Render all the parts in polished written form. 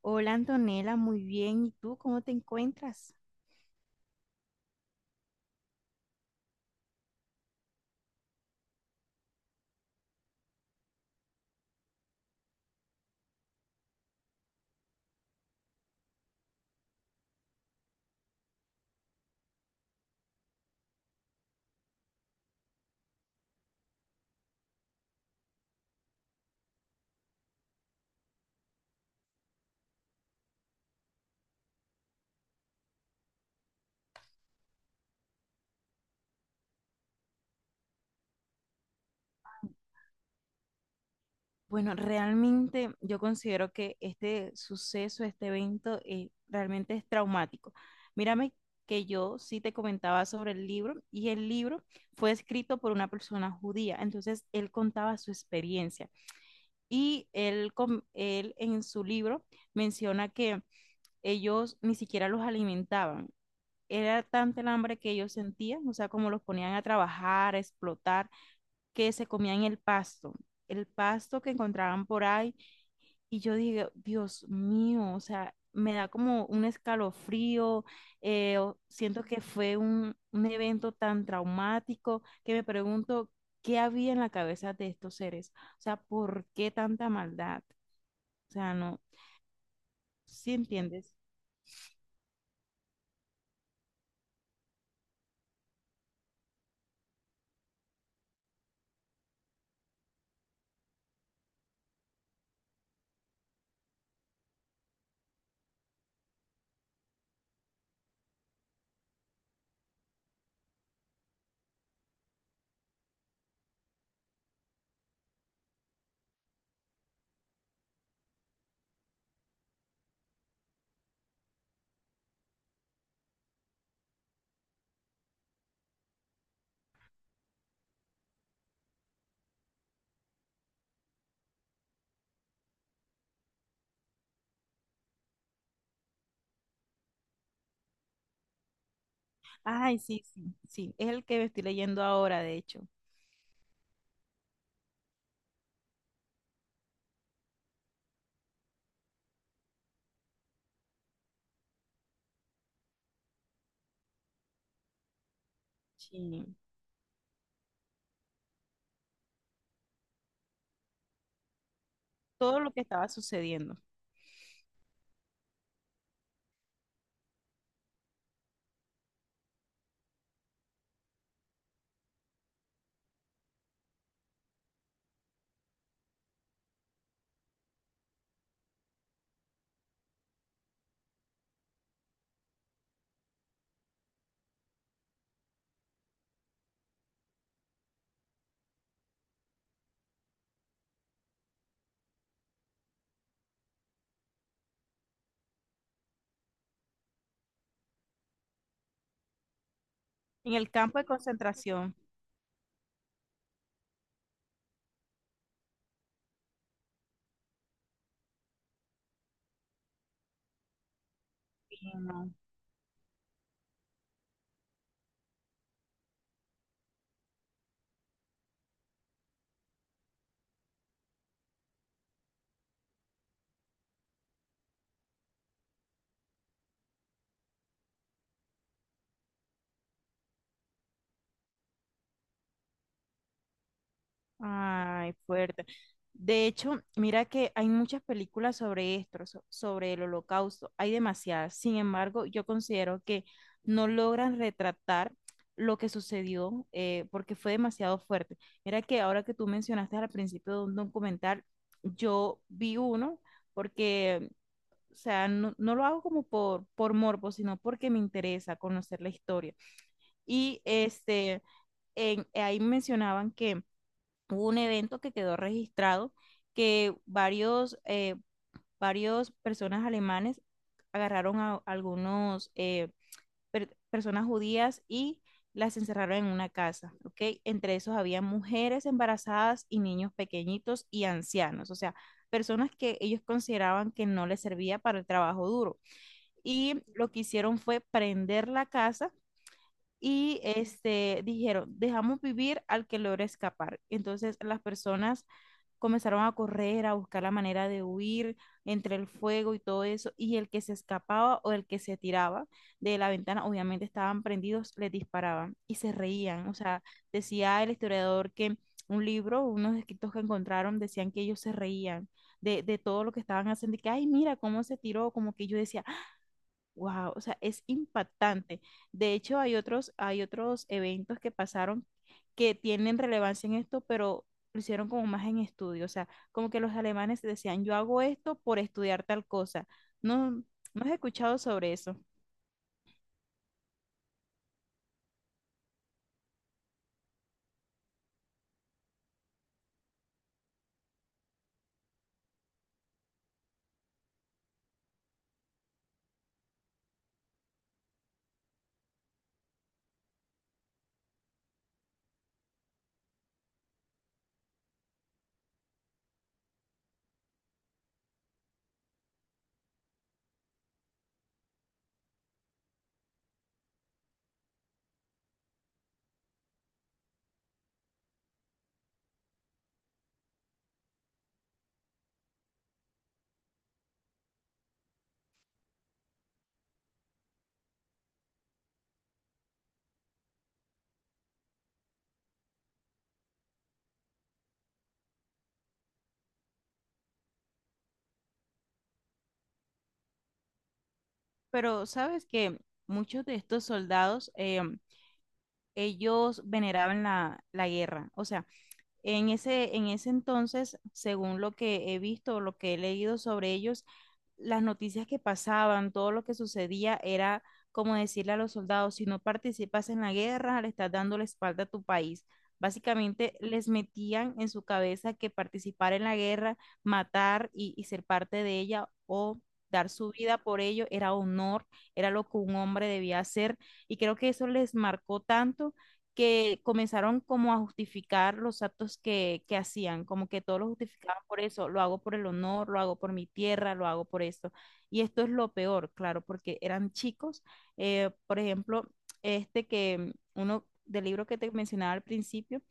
Hola Antonella, muy bien. ¿Y tú cómo te encuentras? Bueno, realmente yo considero que este suceso, este evento, realmente es traumático. Mírame que yo sí te comentaba sobre el libro y el libro fue escrito por una persona judía. Entonces, él contaba su experiencia y él en su libro menciona que ellos ni siquiera los alimentaban. Era tanta el hambre que ellos sentían, o sea, como los ponían a trabajar, a explotar que se comían el pasto que encontraban por ahí. Y yo dije, Dios mío, o sea, me da como un escalofrío, siento que fue un evento tan traumático que me pregunto qué había en la cabeza de estos seres, o sea, ¿por qué tanta maldad? O sea, no, ¿sí entiendes? Ay, sí, sí, sí, es el que me estoy leyendo ahora, de hecho. Sí, todo lo que estaba sucediendo. En el campo de concentración. No. Ay, fuerte. De hecho, mira que hay muchas películas sobre esto, sobre el holocausto. Hay demasiadas. Sin embargo, yo considero que no logran retratar lo que sucedió porque fue demasiado fuerte. Mira que ahora que tú mencionaste al principio de un documental, yo vi uno porque, o sea, no, no lo hago como por morbo, sino porque me interesa conocer la historia. Y este, ahí mencionaban que hubo un evento que quedó registrado que varios personas alemanes agarraron a algunos personas judías y las encerraron en una casa, ¿ok? Entre esos había mujeres embarazadas y niños pequeñitos y ancianos, o sea, personas que ellos consideraban que no les servía para el trabajo duro. Y lo que hicieron fue prender la casa y este, dijeron, dejamos vivir al que logra escapar. Entonces las personas comenzaron a correr, a buscar la manera de huir entre el fuego y todo eso, y el que se escapaba o el que se tiraba de la ventana, obviamente estaban prendidos, les disparaban y se reían. O sea, decía el historiador que un libro, unos escritos que encontraron, decían que ellos se reían de todo lo que estaban haciendo y que, ay, mira cómo se tiró, como que yo decía, wow, o sea, es impactante. De hecho, hay otros eventos que pasaron que tienen relevancia en esto, pero lo hicieron como más en estudio. O sea, como que los alemanes decían, yo hago esto por estudiar tal cosa. No, no has escuchado sobre eso. Pero sabes que muchos de estos soldados, ellos veneraban la guerra. O sea, en ese, en ese entonces, según lo que he visto, lo que he leído sobre ellos, las noticias que pasaban, todo lo que sucedía era como decirle a los soldados, si no participas en la guerra, le estás dando la espalda a tu país. Básicamente les metían en su cabeza que participar en la guerra, matar y ser parte de ella o dar su vida por ello era honor, era lo que un hombre debía hacer. Y creo que eso les marcó tanto que comenzaron como a justificar los actos que hacían, como que todos lo justificaban por eso, lo hago por el honor, lo hago por mi tierra, lo hago por esto. Y esto es lo peor, claro, porque eran chicos, por ejemplo, este que uno del libro que te mencionaba al principio,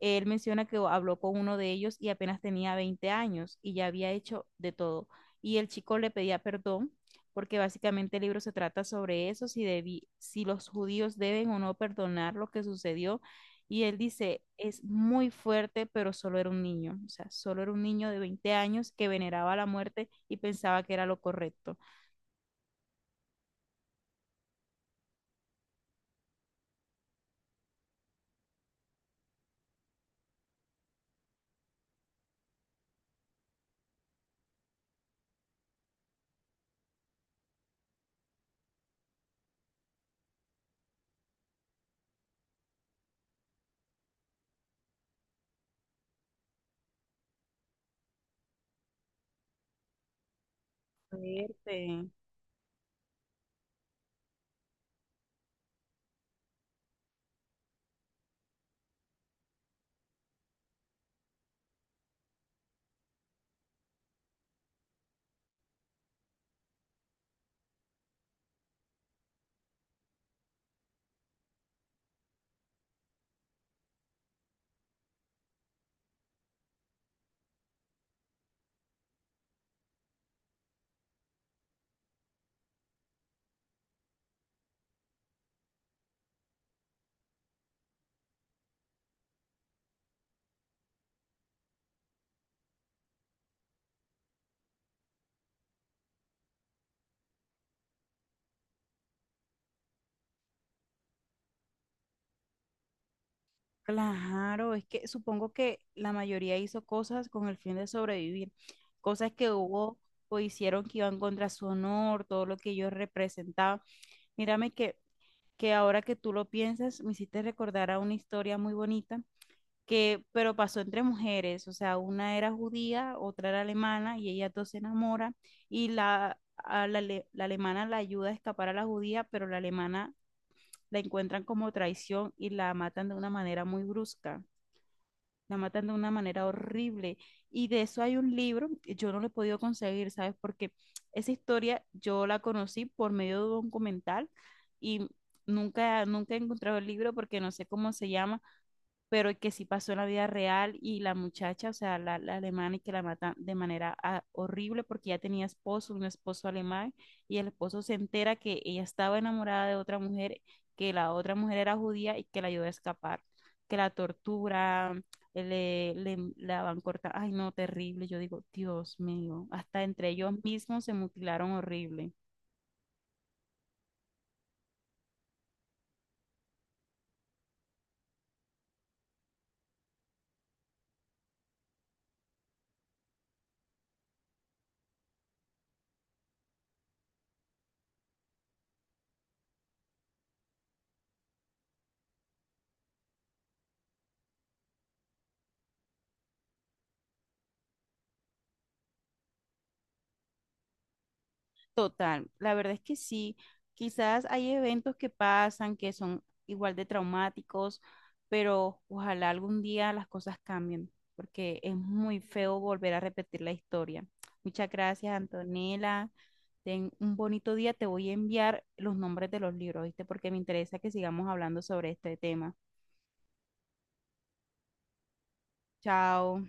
él menciona que habló con uno de ellos y apenas tenía 20 años y ya había hecho de todo. Y el chico le pedía perdón porque básicamente el libro se trata sobre eso, si los judíos deben o no perdonar lo que sucedió. Y él dice, es muy fuerte, pero solo era un niño, o sea, solo era un niño de 20 años que veneraba la muerte y pensaba que era lo correcto. Fuerte. Claro, es que supongo que la mayoría hizo cosas con el fin de sobrevivir, cosas que hubo o hicieron que iban contra su honor, todo lo que ellos representaban. Mírame que ahora que tú lo piensas, me hiciste recordar a una historia muy bonita que, pero pasó entre mujeres, o sea, una era judía, otra era alemana y ellas dos se enamoran y la alemana la ayuda a escapar a la judía, pero la alemana la encuentran como traición y la matan de una manera muy brusca. La matan de una manera horrible. Y de eso hay un libro, yo no lo he podido conseguir, ¿sabes? Porque esa historia yo la conocí por medio de un documental y nunca, nunca he encontrado el libro porque no sé cómo se llama, pero que sí pasó en la vida real y la muchacha, o sea, la alemana y que la matan de manera ah, horrible porque ya tenía esposo, un esposo alemán, y el esposo se entera que ella estaba enamorada de otra mujer, que la otra mujer era judía y que la ayudó a escapar, que la tortura, le la van cortando, ay no, terrible, yo digo, Dios mío, hasta entre ellos mismos se mutilaron horrible. Total, la verdad es que sí. Quizás hay eventos que pasan que son igual de traumáticos, pero ojalá algún día las cosas cambien, porque es muy feo volver a repetir la historia. Muchas gracias, Antonella. Ten un bonito día. Te voy a enviar los nombres de los libros, ¿viste? Porque me interesa que sigamos hablando sobre este tema. Chao.